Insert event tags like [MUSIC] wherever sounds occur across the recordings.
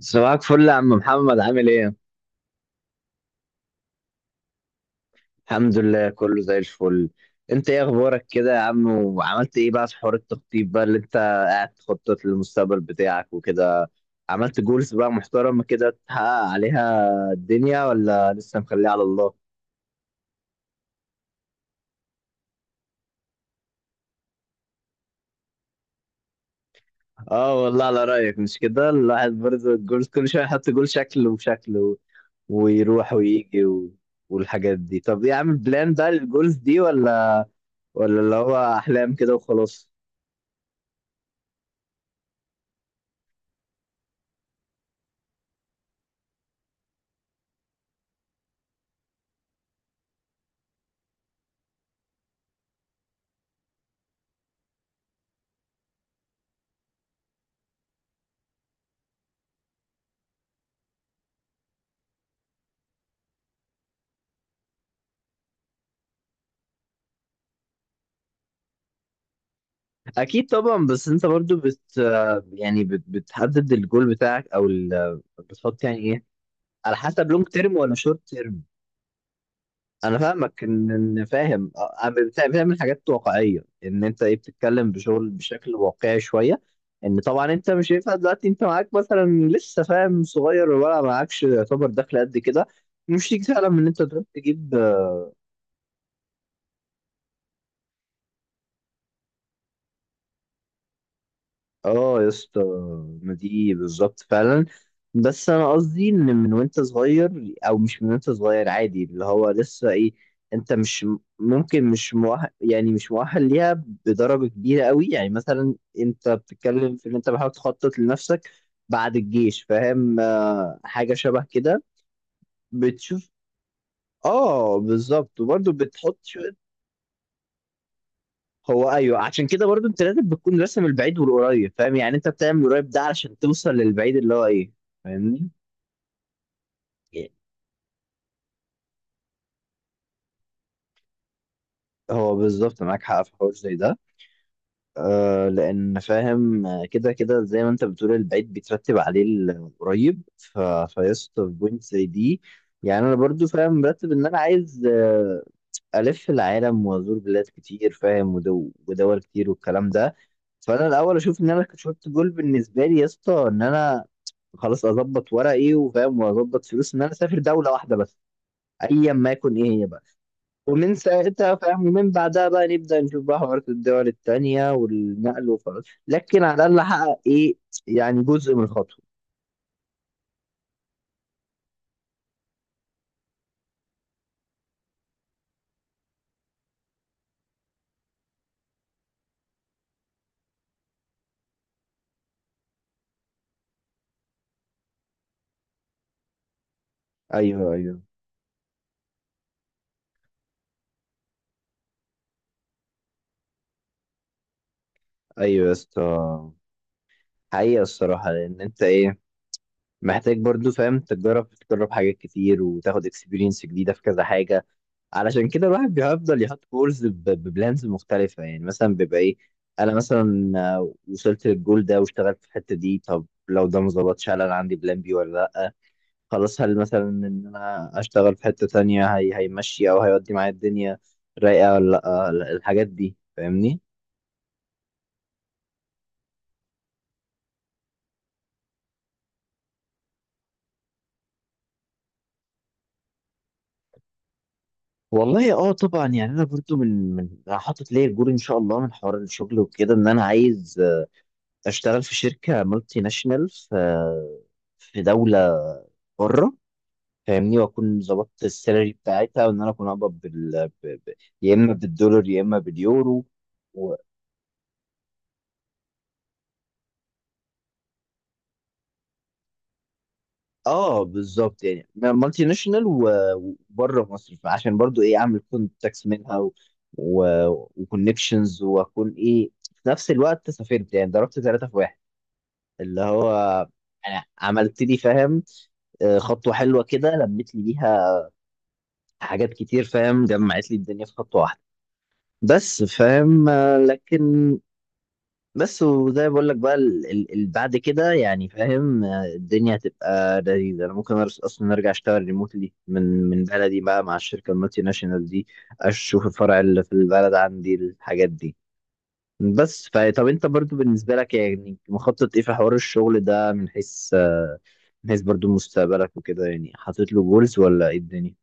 صباحك فل يا عم محمد، عامل ايه؟ الحمد لله كله زي الفل. انت ايه اخبارك كده يا عم، وعملت ايه بقى في حوار التخطيط بقى اللي انت قاعد تخطط للمستقبل بتاعك وكده. عملت جولز بقى محترمة كده تحقق عليها الدنيا، ولا لسه مخليها على الله؟ اه والله على رأيك، مش كده الواحد برضه الجولز كل شوية يحط جول شكل وشكل ويروح ويجي والحاجات دي. طب ايه، عامل بلان بقى للجولز دي ولا اللي هو احلام كده وخلاص؟ اكيد طبعا. بس انت برضو بتحدد الجول بتاعك او بتحط يعني ايه، على حسب لونج تيرم ولا شورت تيرم. انا فاهمك ان فاهم بتعمل حاجات واقعيه، ان انت ايه بتتكلم بشغل بشكل واقعي شويه. ان طبعا انت مش هينفع دلوقتي، انت معاك مثلا لسه فاهم صغير، ولا معاكش يعتبر دخل قد كده مش تيجي فعلا من ان انت تروح تجيب. اه يا اسطى، ما دي بالظبط فعلا. بس انا قصدي ان من وانت صغير او مش من وانت صغير عادي اللي هو لسه ايه، انت مش ممكن، مش مؤهل، يعني مش مؤهل ليها بدرجة كبيرة قوي. يعني مثلا انت بتتكلم في ان انت بحاول تخطط لنفسك بعد الجيش، فاهم آه، حاجة شبه كده. بتشوف اه بالظبط. وبرضه بتحط، هو ايوه، عشان كده برضو انت لازم بتكون راسم البعيد والقريب، فاهم؟ يعني انت بتعمل القريب ده علشان توصل للبعيد اللي هو ايه، فاهمني؟ إيه، هو بالظبط، معاك حق في حوار زي ده. آه، لان فاهم آه، كده كده زي ما انت بتقول البعيد بيترتب عليه القريب، فيسط في بوينت زي دي. يعني انا برضو فاهم مرتب ان انا عايز الف العالم وازور بلاد كتير، فاهم، ودول كتير والكلام ده. فانا الاول اشوف ان انا شورت جول بالنسبه لي يا اسطى، ان انا خلاص اظبط ورقي وفاهم واظبط فلوس ان انا اسافر دوله واحده بس، ايا ما يكون ايه هي بقى. ومن ساعتها فاهم، ومن بعدها بقى نبدا نشوف بقى حوارات الدول التانيه والنقل وخلاص، لكن على الاقل احقق ايه، يعني جزء من الخطوه. ايوه ايوه. ايوه يا اسطى، حقيقه الصراحه لان انت ايه، محتاج برضو فاهم تجرب حاجات كتير وتاخد اكسبيرينس جديده في كذا حاجه. علشان كده الواحد بيفضل يحط جولز ببلانز مختلفة. يعني مثلا بيبقى ايه، انا مثلا وصلت للجول ده واشتغلت في الحتة دي. طب لو ده ما ظبطش، هل انا عندي بلان بي ولا لا؟ خلاص، هل مثلا ان انا اشتغل في حتة تانية هي هيمشي، او هيودي معايا الدنيا رايقة ولا لا؟ الحاجات دي فاهمني. والله اه طبعا، يعني انا برضو من أنا حاطط ليا الجول ان شاء الله من حوار الشغل وكده، ان انا عايز اشتغل في شركة مالتي ناشونال في في دولة بره، فاهمني، واكون ظبطت السالري بتاعتها وان انا اكون اقبض يا اما بالدولار يا اما باليورو و... اه بالظبط، يعني مالتي ناشونال وبره مصر، فعشان برضو ايه اعمل كونتاكس منها و... وكونكشنز، واكون ايه في نفس الوقت سافرت، يعني ضربت ثلاثة في واحد، اللي هو انا عملت لي فاهم خطوة حلوة كده، لميت لي بيها حاجات كتير فاهم، جمعت لي الدنيا في خطوة واحدة. بس فاهم لكن. بس وزي ما بقول لك بقى، بعد كده يعني فاهم الدنيا هتبقى لذيذه. انا ممكن اصلا ارجع اشتغل ريموتلي من بلدي بقى مع الشركه المالتي ناشونال دي، اشوف الفرع اللي في البلد عندي، الحاجات دي. بس طب انت برضو بالنسبه لك يعني مخطط ايه في حوار الشغل ده، من حيث من حيث برضو مستقبلك وكده، يعني حاطط له جولز ولا ايه الدنيا؟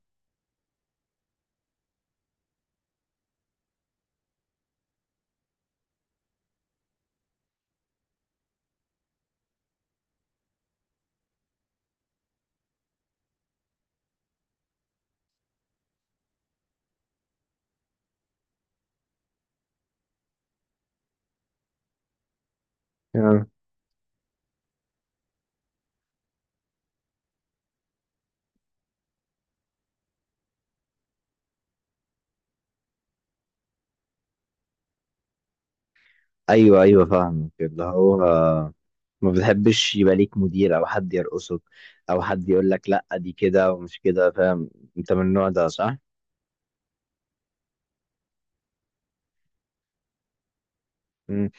ايوه ايوه فاهمك، اللي هو ما بتحبش يبقى ليك مدير او حد يرقصك او حد يقول لك لا دي كده ومش كده، فاهم، انت من النوع ده صح؟ مم.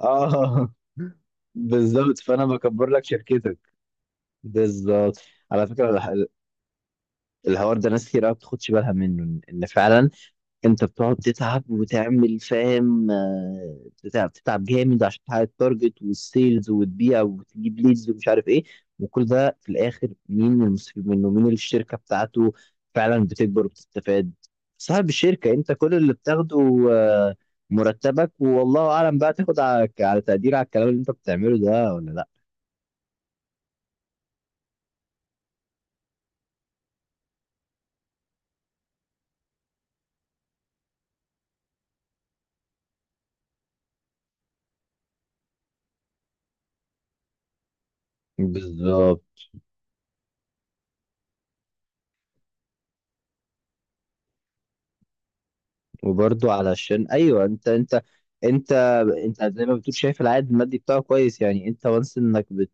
اه [LAUGHS] بالظبط، فانا بكبر لك شركتك. بالظبط. على فكره الحوار ده ناس كتير قوي ما بتاخدش بالها منه، ان فعلا انت بتقعد تتعب وتعمل فاهم بتتعب جامد عشان تحقق التارجت والسيلز وتبيع وتجيب ليدز ومش عارف ايه. وكل ده في الاخر مين المستفيد منه، مين اللي الشركه بتاعته فعلا بتكبر وبتستفاد؟ صاحب الشركه. انت كل اللي بتاخده آه، مرتبك، والله اعلم بقى تاخد على تقدير على الكلام اللي انت بتعمله ده ولا لا. بالظبط. وبرضه علشان ايوه انت انت انت زي ما بتقول شايف العائد المادي بتاعه كويس، يعني انت وانس انك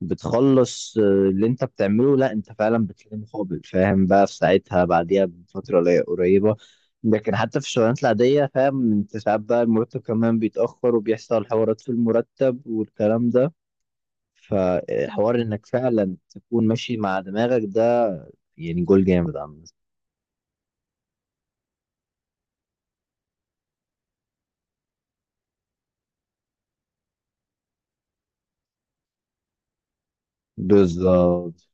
بتخلص اللي انت بتعمله، لا انت فعلا بتلاقي مقابل فاهم بقى في ساعتها، بعديها بفتره قريبه. لكن حتى في الشغلانات العاديه فاهم انت ساعات بقى المرتب كمان بيتاخر وبيحصل حوارات في المرتب والكلام ده، فحوار انك فعلا تكون ماشي مع دماغك ده يعني جول جامد عامة. بالظبط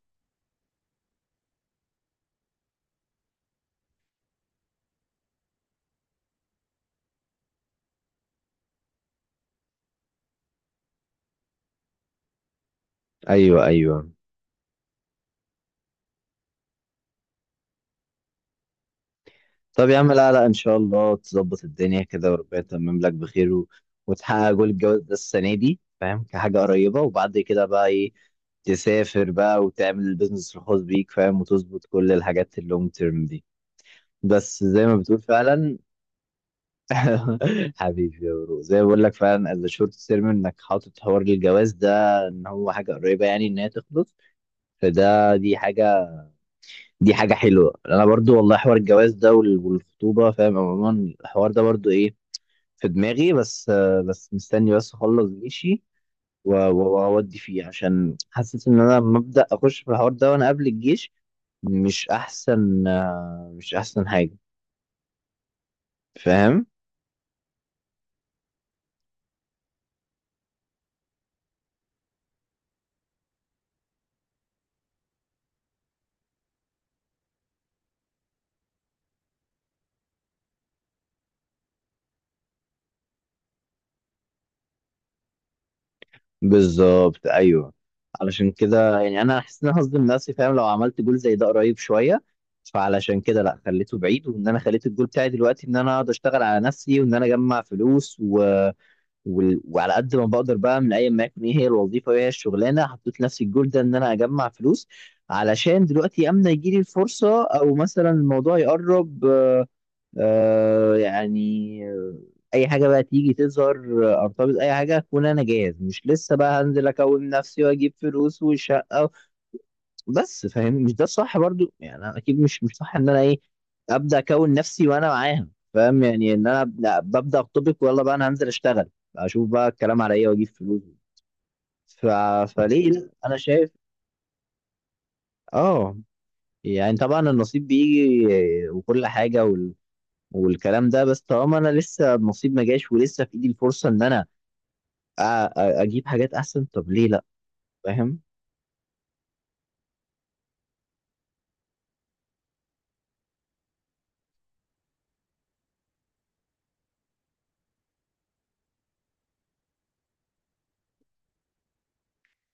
ايوه ايوه. طب يا عم، لا لا ان شاء الله تظبط الدنيا كده وربنا يتمم لك بخير وتحقق جول الجواز ده السنه دي، فاهم، كحاجه قريبه، وبعد كده بقى ايه تسافر بقى وتعمل البيزنس الخاص بيك فاهم وتظبط كل الحاجات اللونج تيرم دي، بس زي ما بتقول فعلا. [LAUGHS] حبيبي يا برو، زي ما بقول لك فعلا از شورت تيرم انك حاطط حوار الجواز ده ان هو حاجه قريبه يعني ان هي تخلص. فده دي حاجه حلوه. انا برضو والله حوار الجواز ده والخطوبه، فاهم عموما الحوار ده برضو ايه في دماغي، بس بس مستني بس اخلص جيشي واودي فيه، عشان حاسس ان انا لما ابدا اخش في الحوار ده وانا قبل الجيش مش احسن مش احسن حاجه، فاهم. بالظبط ايوه. علشان كده يعني انا حاسس ان انا هصدم نفسي فاهم لو عملت جول زي ده قريب شويه، فعلشان كده لا، خليته بعيد، وان انا خليت الجول بتاعي دلوقتي ان انا اقعد اشتغل على نفسي وان انا اجمع فلوس وعلى قد ما بقدر بقى، من ايا ما يكون ايه هي الوظيفه وايه هي الشغلانه، حطيت لنفسي الجول ده ان انا اجمع فلوس علشان دلوقتي امتى يجي لي الفرصه او مثلا الموضوع يقرب، آه يعني آه، اي حاجه بقى تيجي تظهر، ارتبط اي حاجه اكون انا جاهز، مش لسه بقى هنزل اكون نفسي واجيب فلوس وشقه. بس فاهم مش ده الصح برضو، يعني انا اكيد مش صح ان انا ايه ابدا اكون نفسي وانا معاها فاهم، يعني ان انا لا، ببدا اخطبك ويلا بقى انا هنزل اشتغل اشوف بقى الكلام على ايه واجيب فلوس. ف... فليه لا، انا شايف اه، يعني طبعا النصيب بيجي وكل حاجه والكلام ده. بس طالما انا لسه النصيب ما جاش ولسه في ايدي الفرصه ان انا اجيب حاجات احسن، طب ليه لا، فاهم؟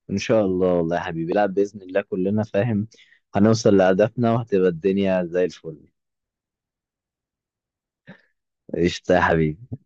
ان شاء الله والله يا حبيبي، لا، باذن الله كلنا فاهم هنوصل لهدفنا وهتبقى الدنيا زي الفل. قشطه يا حبيبي.